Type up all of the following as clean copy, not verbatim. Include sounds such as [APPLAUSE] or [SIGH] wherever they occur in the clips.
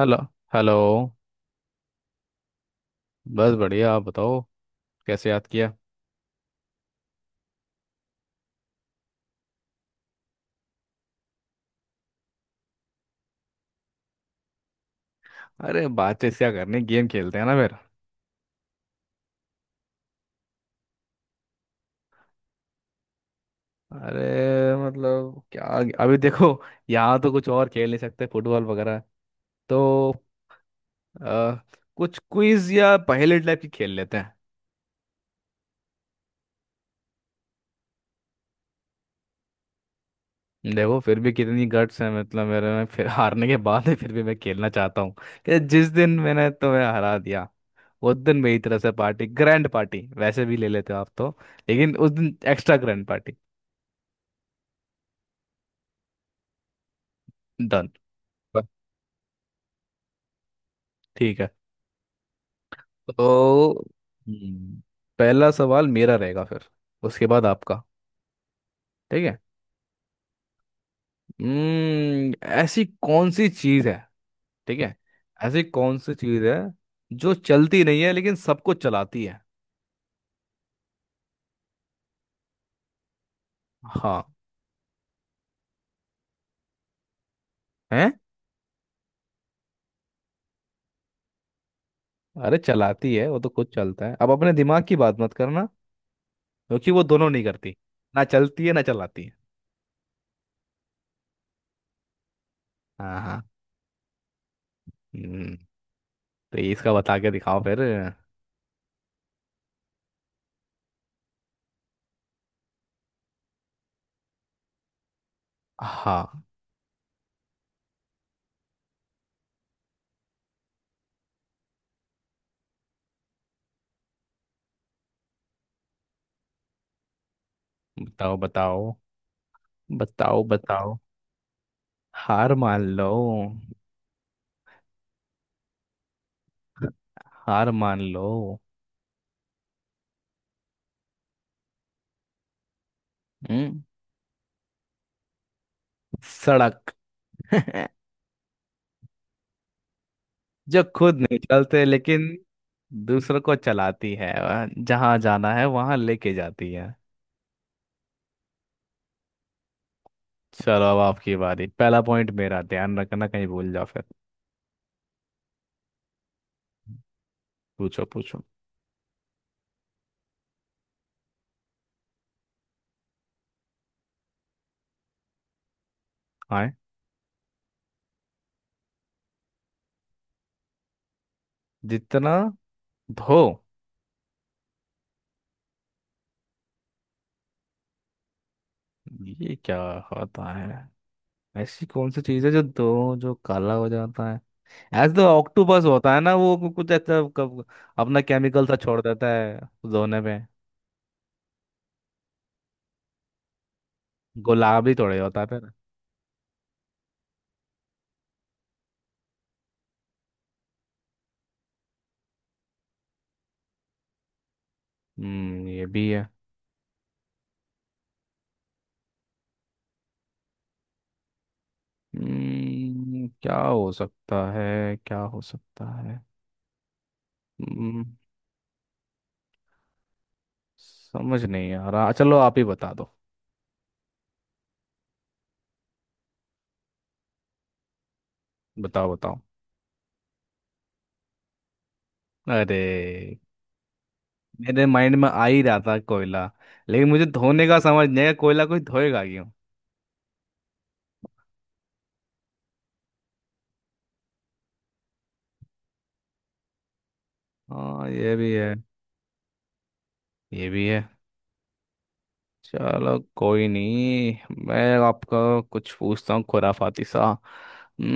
Hello. Hello. बस बढ़िया, आप बताओ। कैसे याद किया। अरे, बातचीत क्या करनी, गेम खेलते हैं ना फिर। अरे, मतलब क्या। अभी देखो। यहाँ तो कुछ और खेल नहीं सकते, फुटबॉल वगैरह। तो अ, कुछ क्विज या पहेली टाइप की खेल लेते हैं। देखो, फिर भी कितनी गट्स है, मतलब मेरे में फिर हारने के बाद भी फिर भी मैं खेलना चाहता हूँ कि जिस दिन मैंने तुम्हें हरा दिया उस दिन मेरी तरफ से पार्टी, ग्रैंड पार्टी वैसे भी ले लेते हो आप तो। लेकिन उस दिन एक्स्ट्रा ग्रैंड पार्टी। डन। बस। ठीक है। तो। हम्म। पहला सवाल मेरा रहेगा, फिर उसके बाद आपका। ठीक है। हम्म। ऐसी कौन सी चीज है। ठीक है। ऐसी कौन सी चीज है जो चलती नहीं है लेकिन सबको चलाती है। हाँ। है। अरे, चलाती है, वो तो खुद चलता है। अब अपने दिमाग की बात मत करना, क्योंकि वो दोनों नहीं करती। ना चलती है ना चलाती है। हाँ, हाँ। हम्म। तो इसका बता के दिखाओ फिर। हाँ। बताओ बताओ, बताओ बताओ। हार मान लो। हार मान लो। हम्म। सड़क। [LAUGHS] जो खुद नहीं चलते लेकिन दूसरों को चलाती है। जहां जाना है वहां लेके जाती है। चलो, अब आपकी बारी। पहला पॉइंट मेरा ध्यान रखना, कहीं भूल जाओ फिर। पूछो पूछो। हाँ। जितना धो। ये क्या होता है। ऐसी कौन सी चीज है जो धो, जो काला हो जाता है। एज द ऑक्टोपस होता है ना, वो कुछ ऐसा अपना केमिकल सा छोड़ देता है धोने में। गुलाबी थोड़े होता है फिर। ये भी है। क्या हो सकता है, क्या हो सकता है। हम्म। समझ नहीं आ रहा, चलो आप ही बता दो। बताओ बताओ। अरे, मेरे माइंड में आ ही रहा था कोयला। लेकिन मुझे धोने का समझ नहीं आया, कोयला कोई धोएगा क्यों। हाँ, ये भी है। ये भी है। चलो कोई नहीं, मैं आपका कुछ पूछता हूँ खुराफाती सा। हम्म,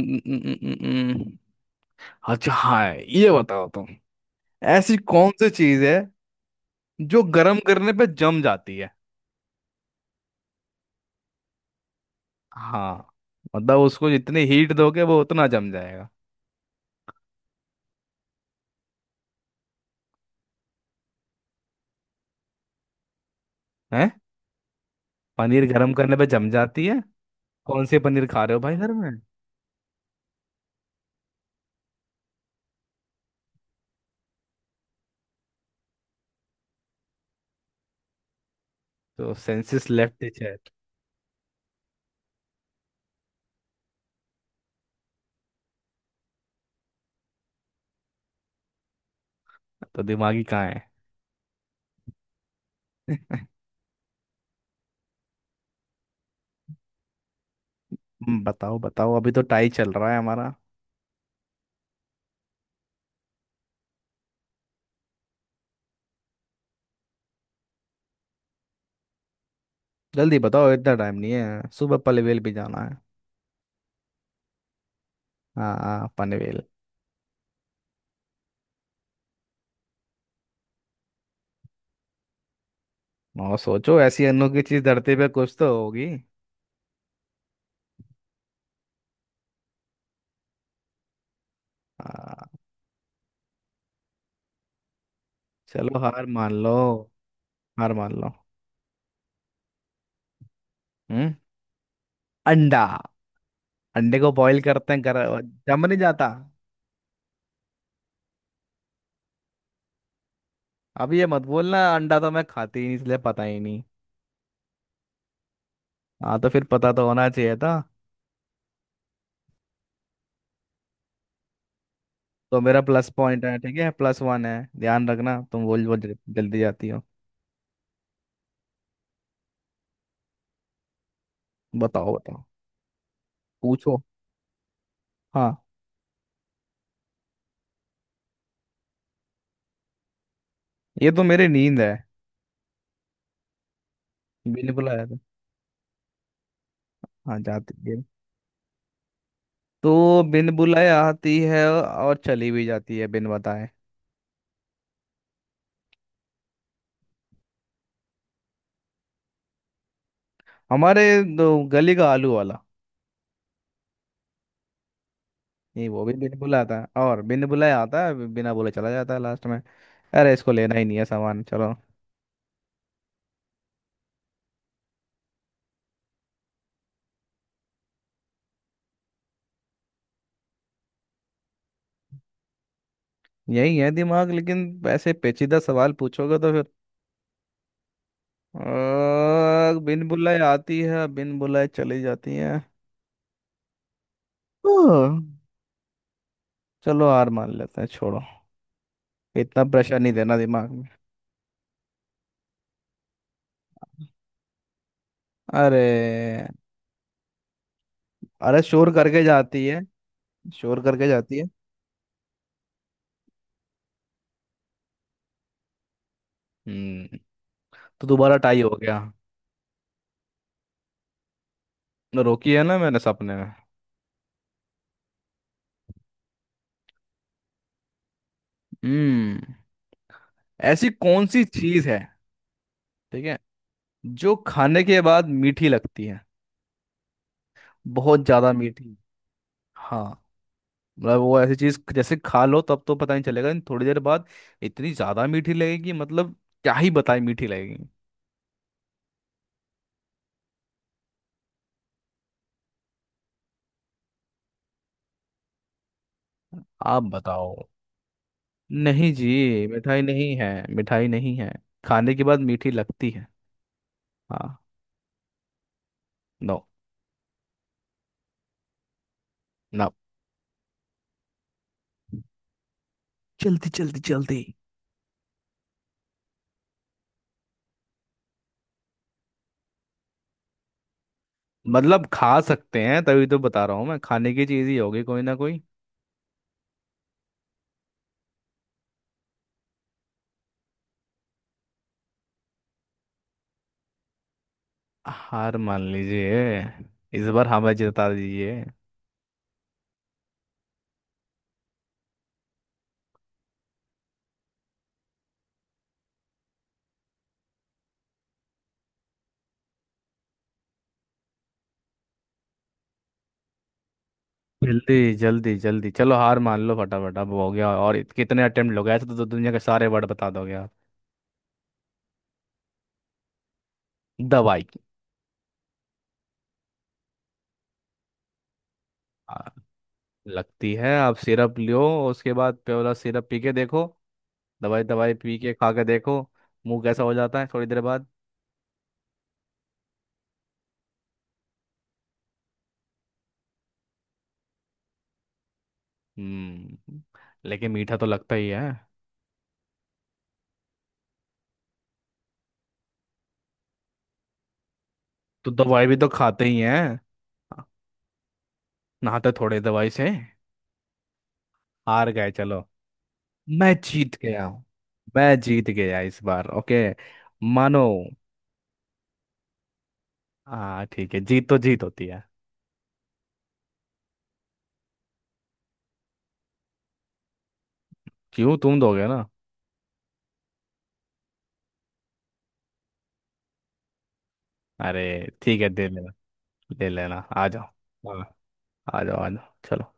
न- न- न- न- अच्छा, हाँ ये बताओ तुम। ऐसी कौन सी चीज है जो गर्म करने पे जम जाती है। हाँ। मतलब उसको जितनी हीट दोगे वो उतना जम जाएगा। हैं। पनीर गर्म करने पे जम जाती है। कौन से पनीर खा रहे हो भाई घर में। तो सेंसेस लेफ्ट इज है। तो दिमागी कहाँ है। [LAUGHS] बताओ बताओ, अभी तो टाई चल रहा है हमारा। जल्दी बताओ, इतना टाइम नहीं है, सुबह पनवेल भी जाना है। हाँ हाँ, पनवेल। और सोचो, ऐसी अनोखी चीज धरती पे कुछ तो होगी। हाँ। चलो हार मान लो। हार मान लो। हम्म। अंडा। अंडे को बॉईल करते हैं, कर जम नहीं जाता। अब ये मत बोलना, अंडा तो मैं खाती ही नहीं इसलिए पता ही नहीं। हाँ, तो फिर पता तो होना चाहिए था। तो मेरा प्लस पॉइंट है। ठीक है, प्लस वन है, ध्यान रखना। तुम बोल बोल जल्दी जाती हो। बताओ बताओ। पूछो। हाँ। ये तो मेरी नींद है। बिल्कुल आया था। हाँ, जाती। तो बिन बुलाए आती है और चली भी जाती है बिन बताए। हमारे दो, गली का आलू वाला। ये, वो भी बिन बुलाता है और बिन बुलाए आता है, बिना बोले चला जाता है लास्ट में। अरे, इसको लेना ही नहीं है सामान, चलो। यही है दिमाग, लेकिन ऐसे पेचीदा सवाल पूछोगे तो फिर। बिन बुलाए आती है, बिन बुलाए चली जाती है। ओह। चलो हार मान लेते हैं, छोड़ो। इतना प्रेशर नहीं देना दिमाग में। अरे। अरे, शोर करके जाती है। शोर करके जाती है। हम्म। तो दोबारा टाई हो गया। रोकी है ना मैंने सपने में। हम्म। ऐसी कौन सी चीज है। ठीक है। जो खाने के बाद मीठी लगती है। बहुत ज्यादा मीठी। हाँ। मतलब वो ऐसी चीज, जैसे खा लो तब तो पता नहीं चलेगा लेकिन थोड़ी देर बाद इतनी ज्यादा मीठी लगेगी, मतलब क्या ही बताए मीठी लगेगी। आप बताओ। नहीं जी, मिठाई नहीं है। मिठाई नहीं है। खाने के बाद मीठी लगती है। हाँ। नो। ना। जल्दी जल्दी जल्दी। मतलब खा सकते हैं तभी तो बता रहा हूँ, मैं खाने की चीज ही होगी कोई ना कोई। हार मान लीजिए, इस बार हमें जिता दीजिए। जल्दी जल्दी जल्दी, चलो हार मान लो फटाफट, अब हो गया, और कितने अटेम्प्ट हो गए ऐसे, तो दुनिया के सारे वर्ड बता दोगे आप। दवाई। आ, लगती है, आप सिरप लियो। उसके बाद प्योला सिरप पी के देखो। दवाई दवाई पी के खा के देखो। मुंह कैसा हो जाता है थोड़ी देर बाद। हम्म। लेकिन मीठा तो लगता ही है। तो दवाई भी तो खाते ही हैं। नहाते थोड़े दवाई से। हार गए, चलो। मैं जीत गया हूँ। मैं जीत गया इस बार, ओके। मानो। हाँ, ठीक है, जीत तो जीत होती है। क्यों, तुम दोगे ना। अरे। ठीक है, दे लेना। ले लेना, आ जाओ। हाँ। आ जाओ, आ जाओ, चलो।